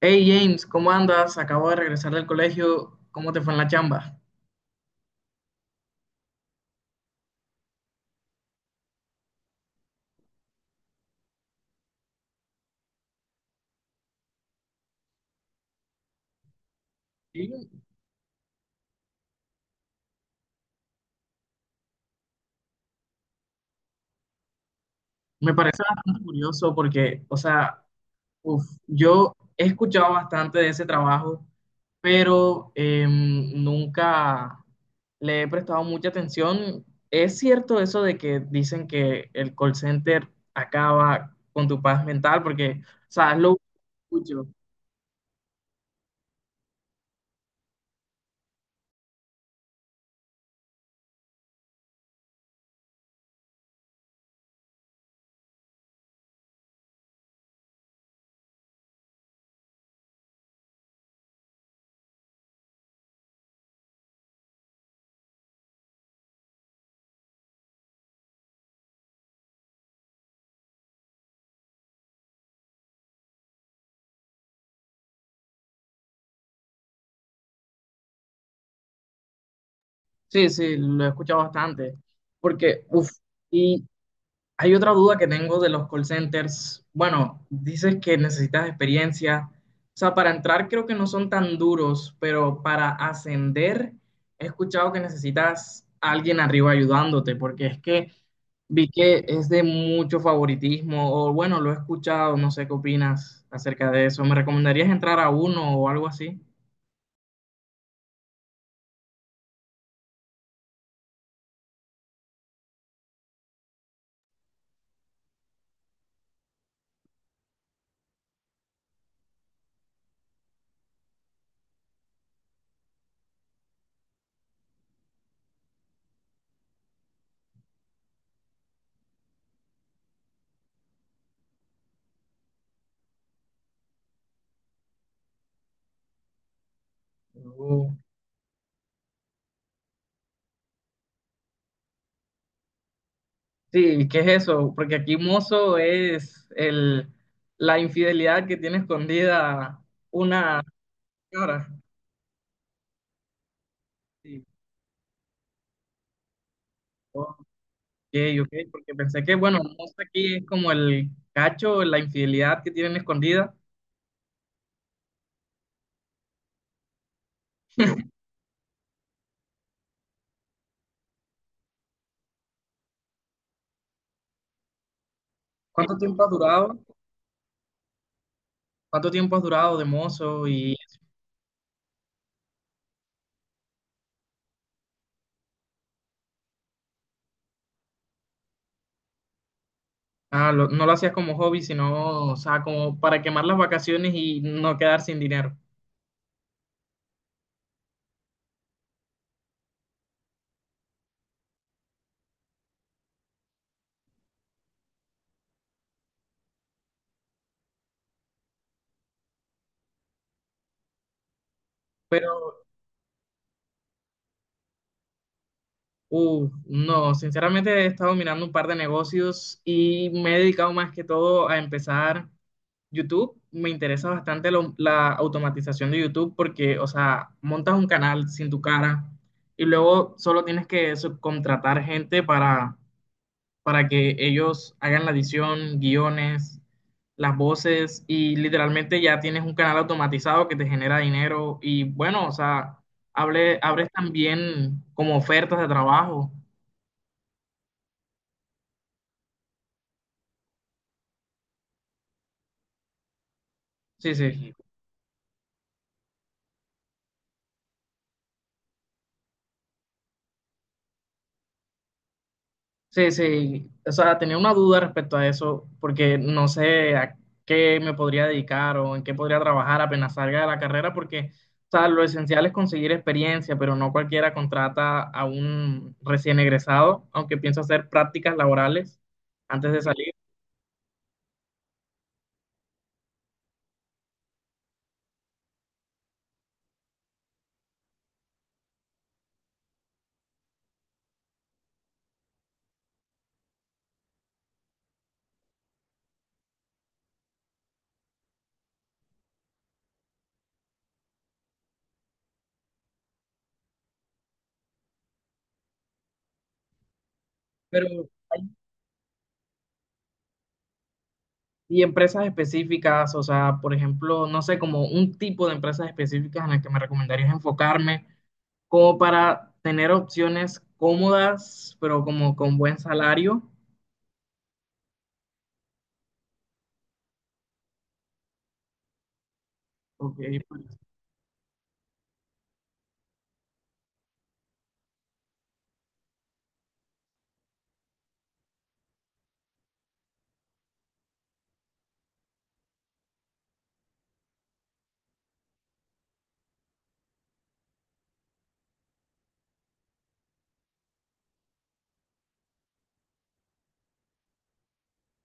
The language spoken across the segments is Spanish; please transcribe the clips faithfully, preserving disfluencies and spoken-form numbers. Hey James, ¿cómo andas? Acabo de regresar del colegio. ¿Cómo te fue en la chamba? Sí, me parece bastante curioso porque, o sea, uf, yo he escuchado bastante de ese trabajo, pero em, nunca le he prestado mucha atención. ¿Es cierto eso de que dicen que el call center acaba con tu paz mental? Porque, o sea, es lo que escucho. Sí, sí, lo he escuchado bastante. Porque, uff, hay otra duda que tengo de los call centers. Bueno, dices que necesitas experiencia. O sea, para entrar creo que no son tan duros, pero para ascender he escuchado que necesitas a alguien arriba ayudándote, porque es que vi que es de mucho favoritismo, o bueno, lo he escuchado, no sé qué opinas acerca de eso. ¿Me recomendarías entrar a uno o algo así? Oh. Sí, ¿qué es eso? Porque aquí mozo es el, la infidelidad que tiene escondida una. Ahora, sí. Ok, ok, porque pensé que, bueno, no sé, aquí es como el cacho, la infidelidad que tienen escondida. ¿Cuánto tiempo has durado? ¿Cuánto tiempo has durado de mozo? Y ah, lo- no lo hacías como hobby, sino, o sea, como para quemar las vacaciones y no quedar sin dinero. Uf, no, sinceramente he estado mirando un par de negocios y me he dedicado más que todo a empezar YouTube. Me interesa bastante lo- la automatización de YouTube porque, o sea, montas un canal sin tu cara y luego solo tienes que subcontratar gente para, para que ellos hagan la edición, guiones, las voces, y literalmente ya tienes un canal automatizado que te genera dinero y bueno, o sea, hable, abres también como ofertas de trabajo. Sí, sí, sí, sí. O sea, tenía una duda respecto a eso, porque no sé a qué me podría dedicar o en qué podría trabajar apenas salga de la carrera, porque, o sea, lo esencial es conseguir experiencia, pero no cualquiera contrata a un recién egresado, aunque pienso hacer prácticas laborales antes de salir. Pero y empresas específicas, o sea, por ejemplo, no sé, como un tipo de empresas específicas en las que me recomendarías enfocarme, como para tener opciones cómodas, pero como con buen salario. Ok, pues,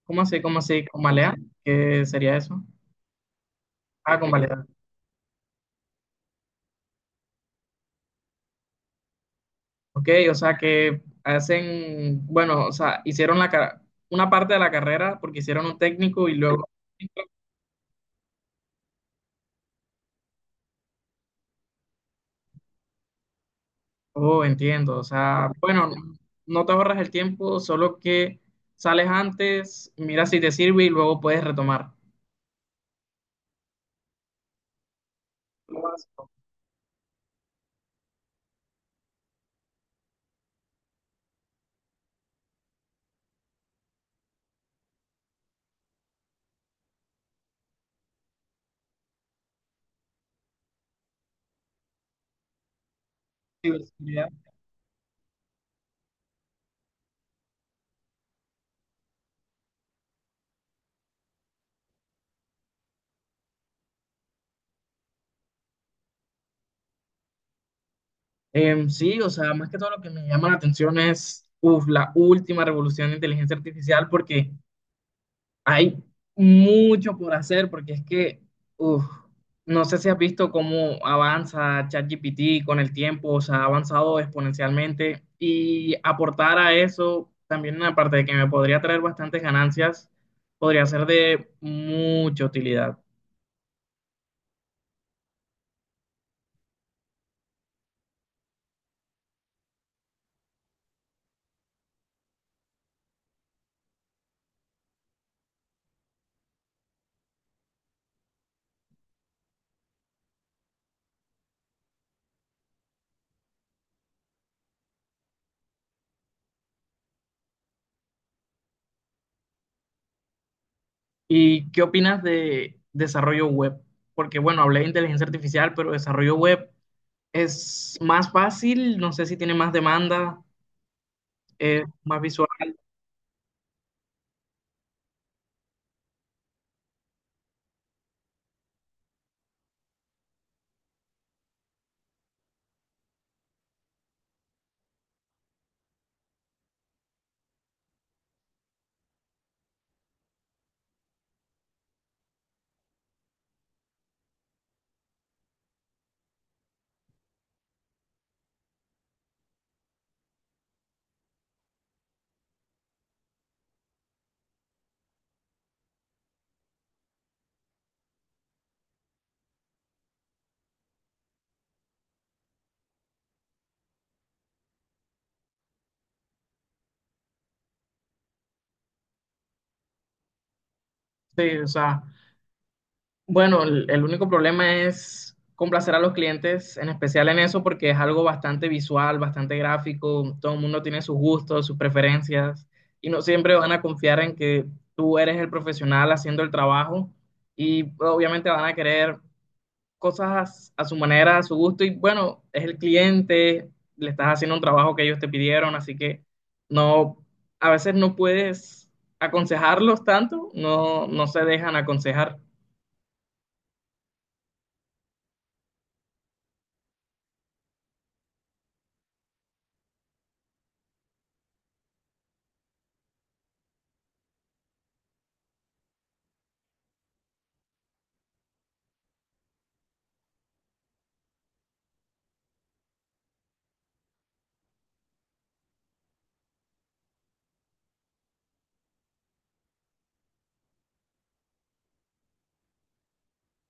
¿cómo así? ¿Cómo así? ¿Con Balea? ¿Qué sería eso? Ah, con Balea. Ok, o sea que hacen, bueno, o sea, hicieron la, ca- una parte de la carrera porque hicieron un técnico y luego... Oh, entiendo. O sea, bueno, no te ahorras el tiempo, solo que sales antes, miras si te sirve y luego puedes retomar. Lo básico, diversidad. Em, sí, o sea, más que todo lo que me llama la atención es uf, la última revolución de inteligencia artificial, porque hay mucho por hacer porque es que, uf, no sé si has visto cómo avanza ChatGPT con el tiempo, o sea, ha avanzado exponencialmente, y aportar a eso también, aparte de que me podría traer bastantes ganancias, podría ser de mucha utilidad. ¿Y qué opinas de desarrollo web? Porque, bueno, hablé de inteligencia artificial, pero desarrollo web es más fácil, no sé si tiene más demanda, es más visual, sí, o sea. Bueno, el, el único problema es complacer a los clientes, en especial en eso, porque es algo bastante visual, bastante gráfico, todo el mundo tiene sus gustos, sus preferencias, y no siempre van a confiar en que tú eres el profesional haciendo el trabajo, y obviamente van a querer cosas a su manera, a su gusto, y bueno, es el cliente, le estás haciendo un trabajo que ellos te pidieron, así que no, a veces no puedes aconsejarlos tanto, no, no se dejan aconsejar.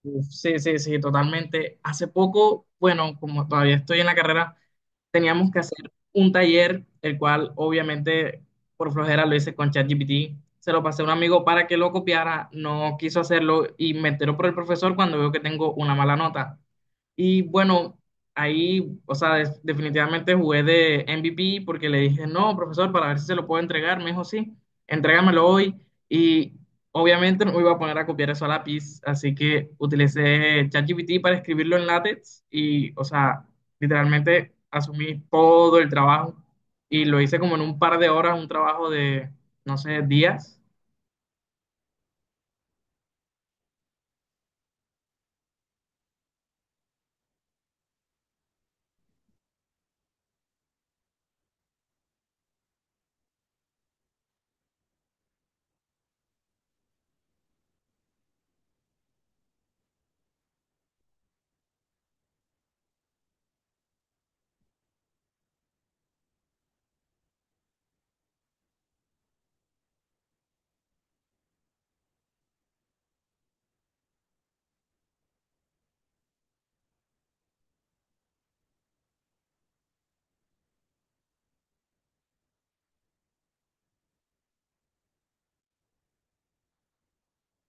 Uf, sí, sí, sí, totalmente. Hace poco, bueno, como todavía estoy en la carrera, teníamos que hacer un taller, el cual obviamente por flojera lo hice con ChatGPT. Se lo pasé a un amigo para que lo copiara, no quiso hacerlo, y me enteró por el profesor cuando veo que tengo una mala nota. Y bueno, ahí, o sea, des- definitivamente jugué de M V P porque le dije, no, profesor, para ver si se lo puedo entregar. Me dijo, sí, entrégamelo hoy. Y obviamente no me iba a poner a copiar eso a lápiz, así que utilicé ChatGPT para escribirlo en LaTeX y, o sea, literalmente asumí todo el trabajo y lo hice como en un par de horas, un trabajo de, no sé, días.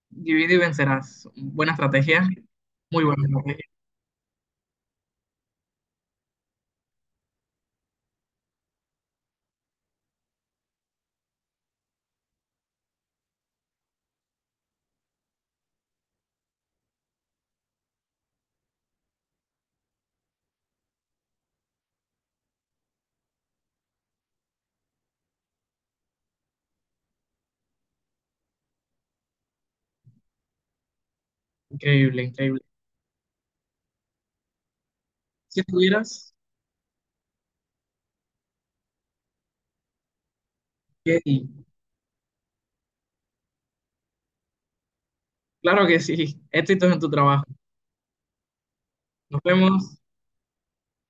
Divide y vencerás. Buena estrategia, muy buena estrategia. Increíble, increíble. Si estuvieras, yay. Claro que sí. Éxitos en tu trabajo. Nos vemos.